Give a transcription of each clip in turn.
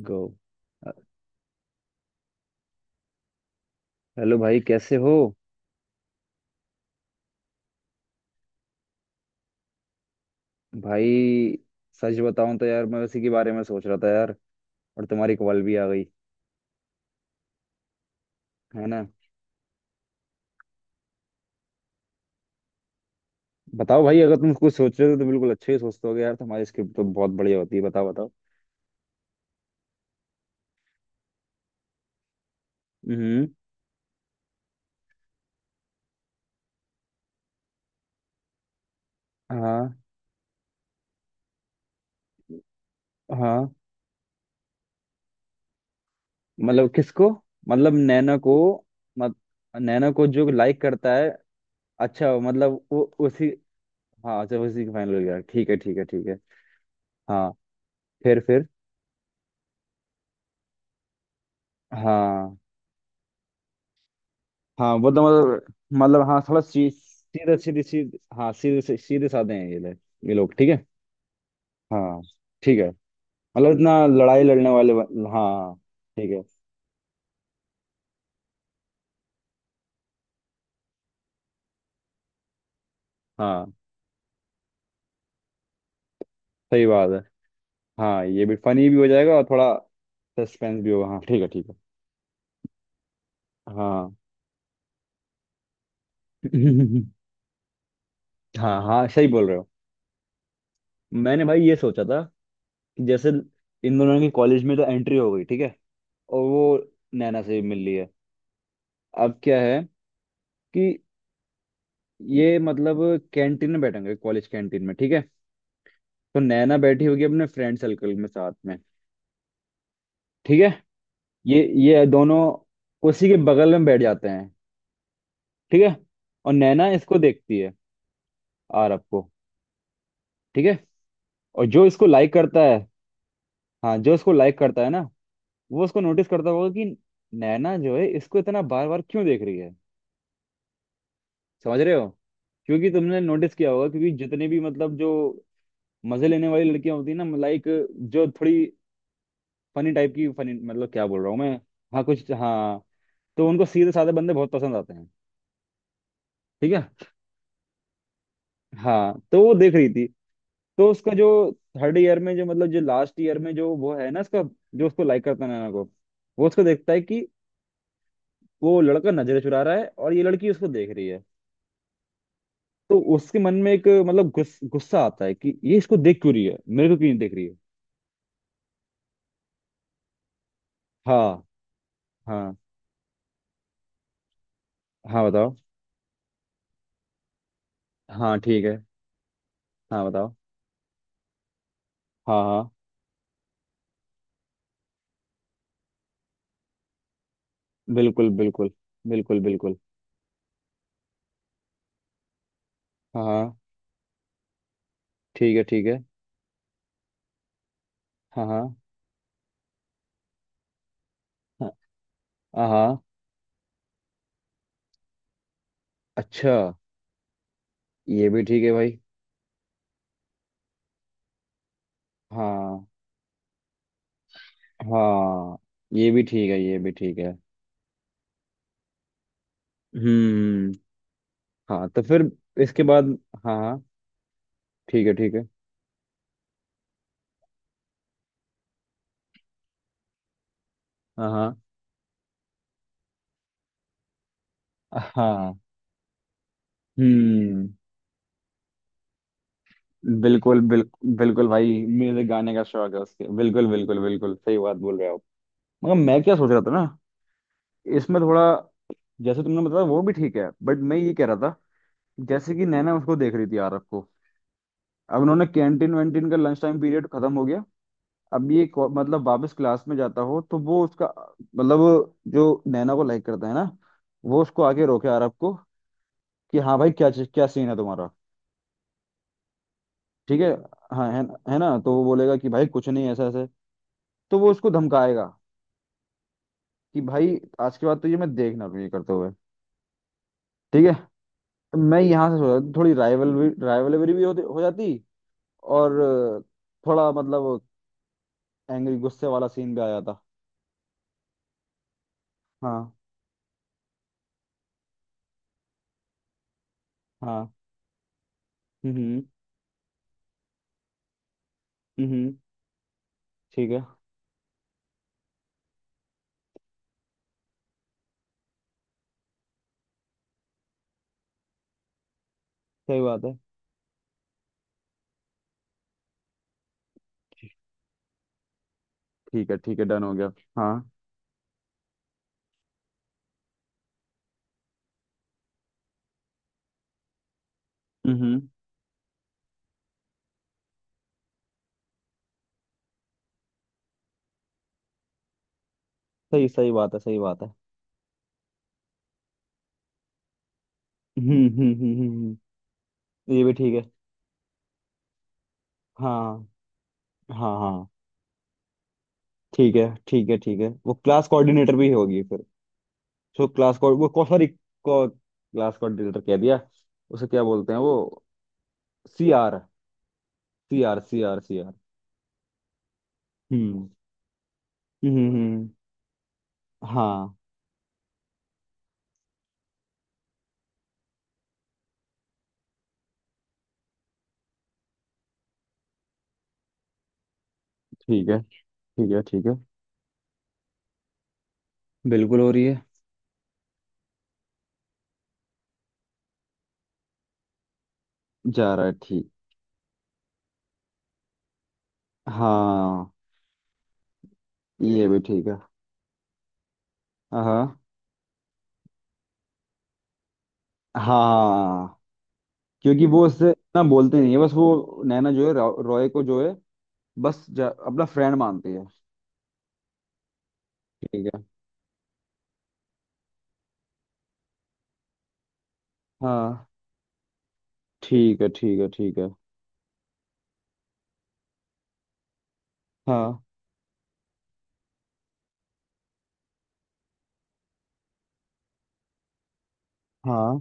गो अ- हेलो भाई, कैसे हो? भाई, सच बताऊं तो यार, मैं उसी के बारे में सोच रहा था यार। और तुम्हारी कॉल भी आ गई। है ना। बताओ भाई, अगर तुम कुछ सोच रहे हो तो बिल्कुल अच्छे ही सोचते होगे यार, तुम्हारी स्क्रिप्ट तो बहुत बढ़िया होती है। बताओ बताओ। हम्म। हाँ। हाँ, मतलब किसको? मतलब नैना को? मत नैना को जो लाइक करता है? अच्छा, मतलब वो। उसी हाँ, अच्छा, उसी का फाइनल हो गया। ठीक है ठीक है ठीक है। हाँ। फिर फिर। हाँ हाँ, वो तो मतलब। मतलब हाँ, थोड़ा सीधे सीधे सीधे हाँ, सीधे साधे हैं ये लोग। ये लोग ठीक है। हाँ। ठीक है। मतलब इतना लड़ाई लड़ने वाले बन- हाँ। ठीक है। हाँ, सही बात है। हाँ, ये भी फनी भी हो जाएगा और थोड़ा सस्पेंस भी होगा। हाँ ठीक है ठीक है। हाँ। हाँ हाँ, सही बोल रहे हो। मैंने भाई ये सोचा था कि जैसे इन दोनों की कॉलेज में तो एंट्री हो गई, ठीक है, और वो नैना से भी मिल रही है। अब क्या है कि ये मतलब कैंटीन में बैठेंगे, कॉलेज कैंटीन में, ठीक है। तो नैना बैठी होगी अपने फ्रेंड सर्कल में साथ में। ठीक है। ये ये दोनों उसी के बगल में बैठ जाते हैं। ठीक है। और नैना इसको देखती है, आरव को। ठीक है। और जो इसको लाइक करता है। हाँ, जो इसको लाइक करता है ना, वो उसको नोटिस करता होगा कि नैना जो है इसको इतना बार बार क्यों देख रही है। समझ रहे हो? क्योंकि तुमने नोटिस किया होगा, क्योंकि जितने भी मतलब जो मजे लेने वाली लड़कियां होती है ना, लाइक, जो थोड़ी फनी टाइप की, फनी मतलब क्या बोल रहा हूँ मैं। हाँ कुछ हाँ। तो उनको सीधे साधे बंदे बहुत पसंद आते हैं। ठीक है। हाँ, तो वो देख रही थी। तो उसका जो थर्ड ईयर में जो मतलब जो लास्ट ईयर में जो वो है ना इसका, जो उसको लाइक करता है नैना को, वो उसको देखता है कि वो लड़का नजरें चुरा रहा है और ये लड़की उसको देख रही है। तो उसके मन में एक मतलब गुस्सा आता है कि ये इसको देख क्यों रही है, मेरे को क्यों नहीं देख रही है। हाँ। हाँ। हाँ बताओ। हाँ ठीक है। हाँ बताओ। हाँ। हाँ। बिल्कुल बिल्कुल। बिल्कुल बिल्कुल। हाँ। हाँ ठीक है ठीक है। हाँ हाँ। हाँ। हाँ। हाँ। अच्छा। ये भी ठीक है भाई। हाँ। हाँ, ये भी ठीक है ये भी ठीक है। हम्म। हाँ, तो फिर। इसके बाद। हाँ हाँ। ठीक है ठीक है। हाँ। हाँ। हाँ। हम्म। बिल्कुल बिल्कुल बिल्कुल भाई, मुझे गाने का शौक है उसके। बिल्कुल बिल्कुल बिल्कुल, सही बात बोल रहे हो आप। मगर मैं क्या सोच रहा था ना। इसमें थोड़ा, जैसे तुमने बताया वो भी ठीक है, बट मैं ये कह रहा था, जैसे कि नैना उसको देख रही थी, आरव को। अब उन्होंने कैंटीन वैंटीन का लंच टाइम पीरियड खत्म हो गया। अब मतलब वापस क्लास में जाता हो तो वो उसका, मतलब जो नैना को लाइक करता है ना, वो उसको आके रोके आरव को कि हाँ भाई, क्या सीन है तुम्हारा। ठीक है। हाँ है। है ना, तो वो बोलेगा कि भाई कुछ नहीं, ऐसा ऐसे। तो वो उसको धमकाएगा कि भाई आज के बाद तो ये मैं देख ना लूं ये करते हुए। ठीक है। मैं यहाँ से सोचा था, थोड़ी राइवलरी भी हो जाती। और थोड़ा मतलब एंग्री गुस्से वाला सीन भी आ जाता। हाँ हाँ। हम्म हम्म। ठीक है। सही बात है। ठीक है ठीक है, डन हो गया। हाँ। हम्म। सही सही बात है, सही बात है। हम्म। ये भी ठीक है। हाँ हाँ। हाँ। ठीक है ठीक है ठीक है, वो क्लास कोऑर्डिनेटर भी होगी फिर। सो क्लास को वो सॉरी, क्लास कोऑर्डिनेटर कह दिया, उसे क्या बोलते हैं वो। C R. C R C R C R. हम्म। हम्म। हाँ। ठीक है ठीक है। ठीक है। बिल्कुल हो रही है। जा रहा है, ठीक। हाँ, ये भी ठीक है। हाँ हाँ, क्योंकि वो उससे इतना बोलते नहीं है, बस वो नैना जो है रॉय को जो है अपना फ्रेंड मानती है। ठीक है। हाँ। ठीक है ठीक है ठीक है। हाँ हाँ।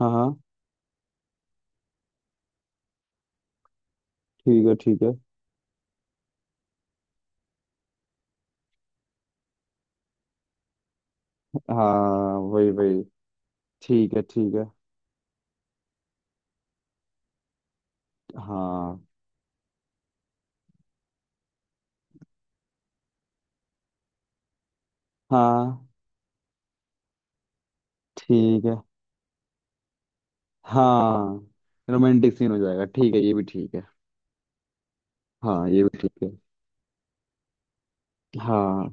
हाँ। हाँ। ठीक है ठीक है। हाँ वही वही। ठीक है ठीक है। हाँ हाँ। ठीक है। हाँ, रोमांटिक सीन हो जाएगा ठीक है, ये भी ठीक है। हाँ, ये भी ठीक है। हाँ,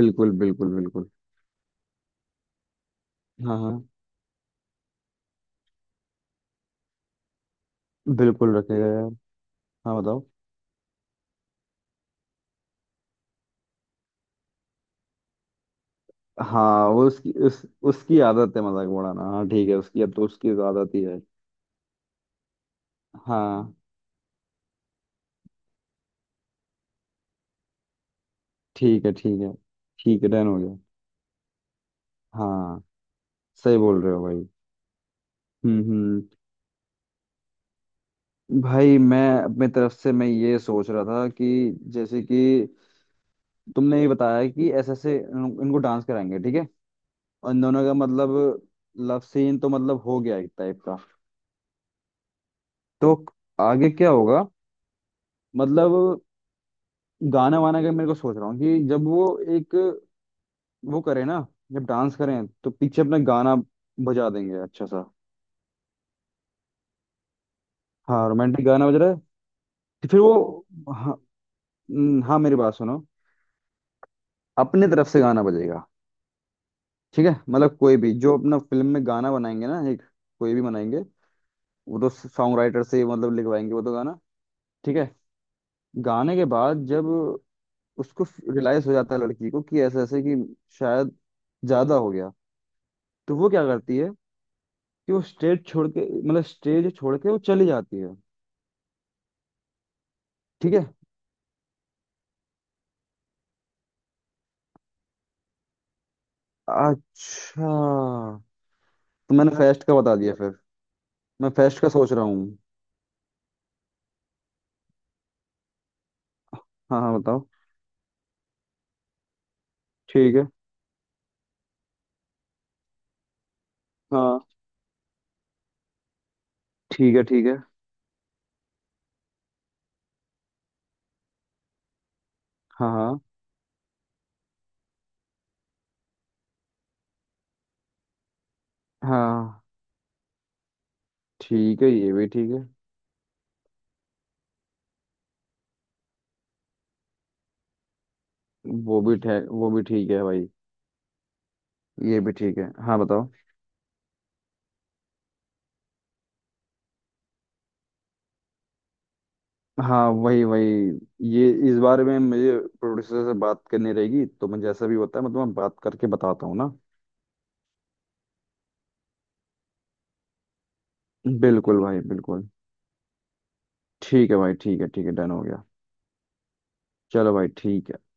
बिल्कुल बिल्कुल बिल्कुल। हाँ हाँ, बिल्कुल रखेगा यार। हाँ बताओ। हाँ, वो उसकी, उस उसकी आदत है मजाक उड़ाना, हाँ ठीक है, उसकी अब तो उसकी तो आदत ही है। हाँ। ठीक है ठीक है ठीक है, डन हो गया। हाँ। सही बोल रहे हो भाई। हम्म। भाई, मैं अपने तरफ से मैं ये सोच रहा था कि जैसे कि तुमने ये बताया कि ऐसे ऐसे इनको डांस कराएंगे, ठीक है, और इन दोनों का मतलब लव सीन तो मतलब हो गया एक टाइप का। तो आगे क्या होगा, मतलब गाना वाना का मेरे को सोच रहा हूँ कि जब वो एक वो करें ना, जब डांस करें तो पीछे अपना गाना बजा देंगे अच्छा सा। हाँ, रोमांटिक गाना बज रहा है। तो फिर वो हाँ, हाँ मेरी बात सुनो। अपने तरफ से गाना बजेगा, ठीक है, मतलब कोई भी जो अपना फिल्म में गाना बनाएंगे ना एक, कोई भी बनाएंगे, वो तो सॉन्ग राइटर से मतलब लिखवाएंगे वो तो गाना। ठीक है। गाने के बाद जब उसको रियलाइज हो जाता है लड़की को कि ऐसे ऐसे, कि शायद ज्यादा हो गया, तो वो क्या करती है कि वो स्टेज छोड़ के, मतलब स्टेज छोड़ के वो चली जाती है। ठीक है। अच्छा। तो मैंने फेस्ट का बता दिया फिर, मैं फेस्ट का सोच रहा हूँ। हाँ हाँ बताओ। ठीक है। हाँ ठीक है ठीक है। हाँ हाँ। हाँ। ठीक है, ये भी ठीक है। वो भी ठीक है भाई। ये भी ठीक है। हाँ बताओ। हाँ वही वही। ये इस बारे में मुझे प्रोड्यूसर से बात करनी रहेगी, तो मैं जैसा भी होता है मतलब मैं बात करके बताता हूँ ना। बिल्कुल भाई बिल्कुल। ठीक है भाई, ठीक है ठीक है, डन हो गया। चलो भाई ठीक है।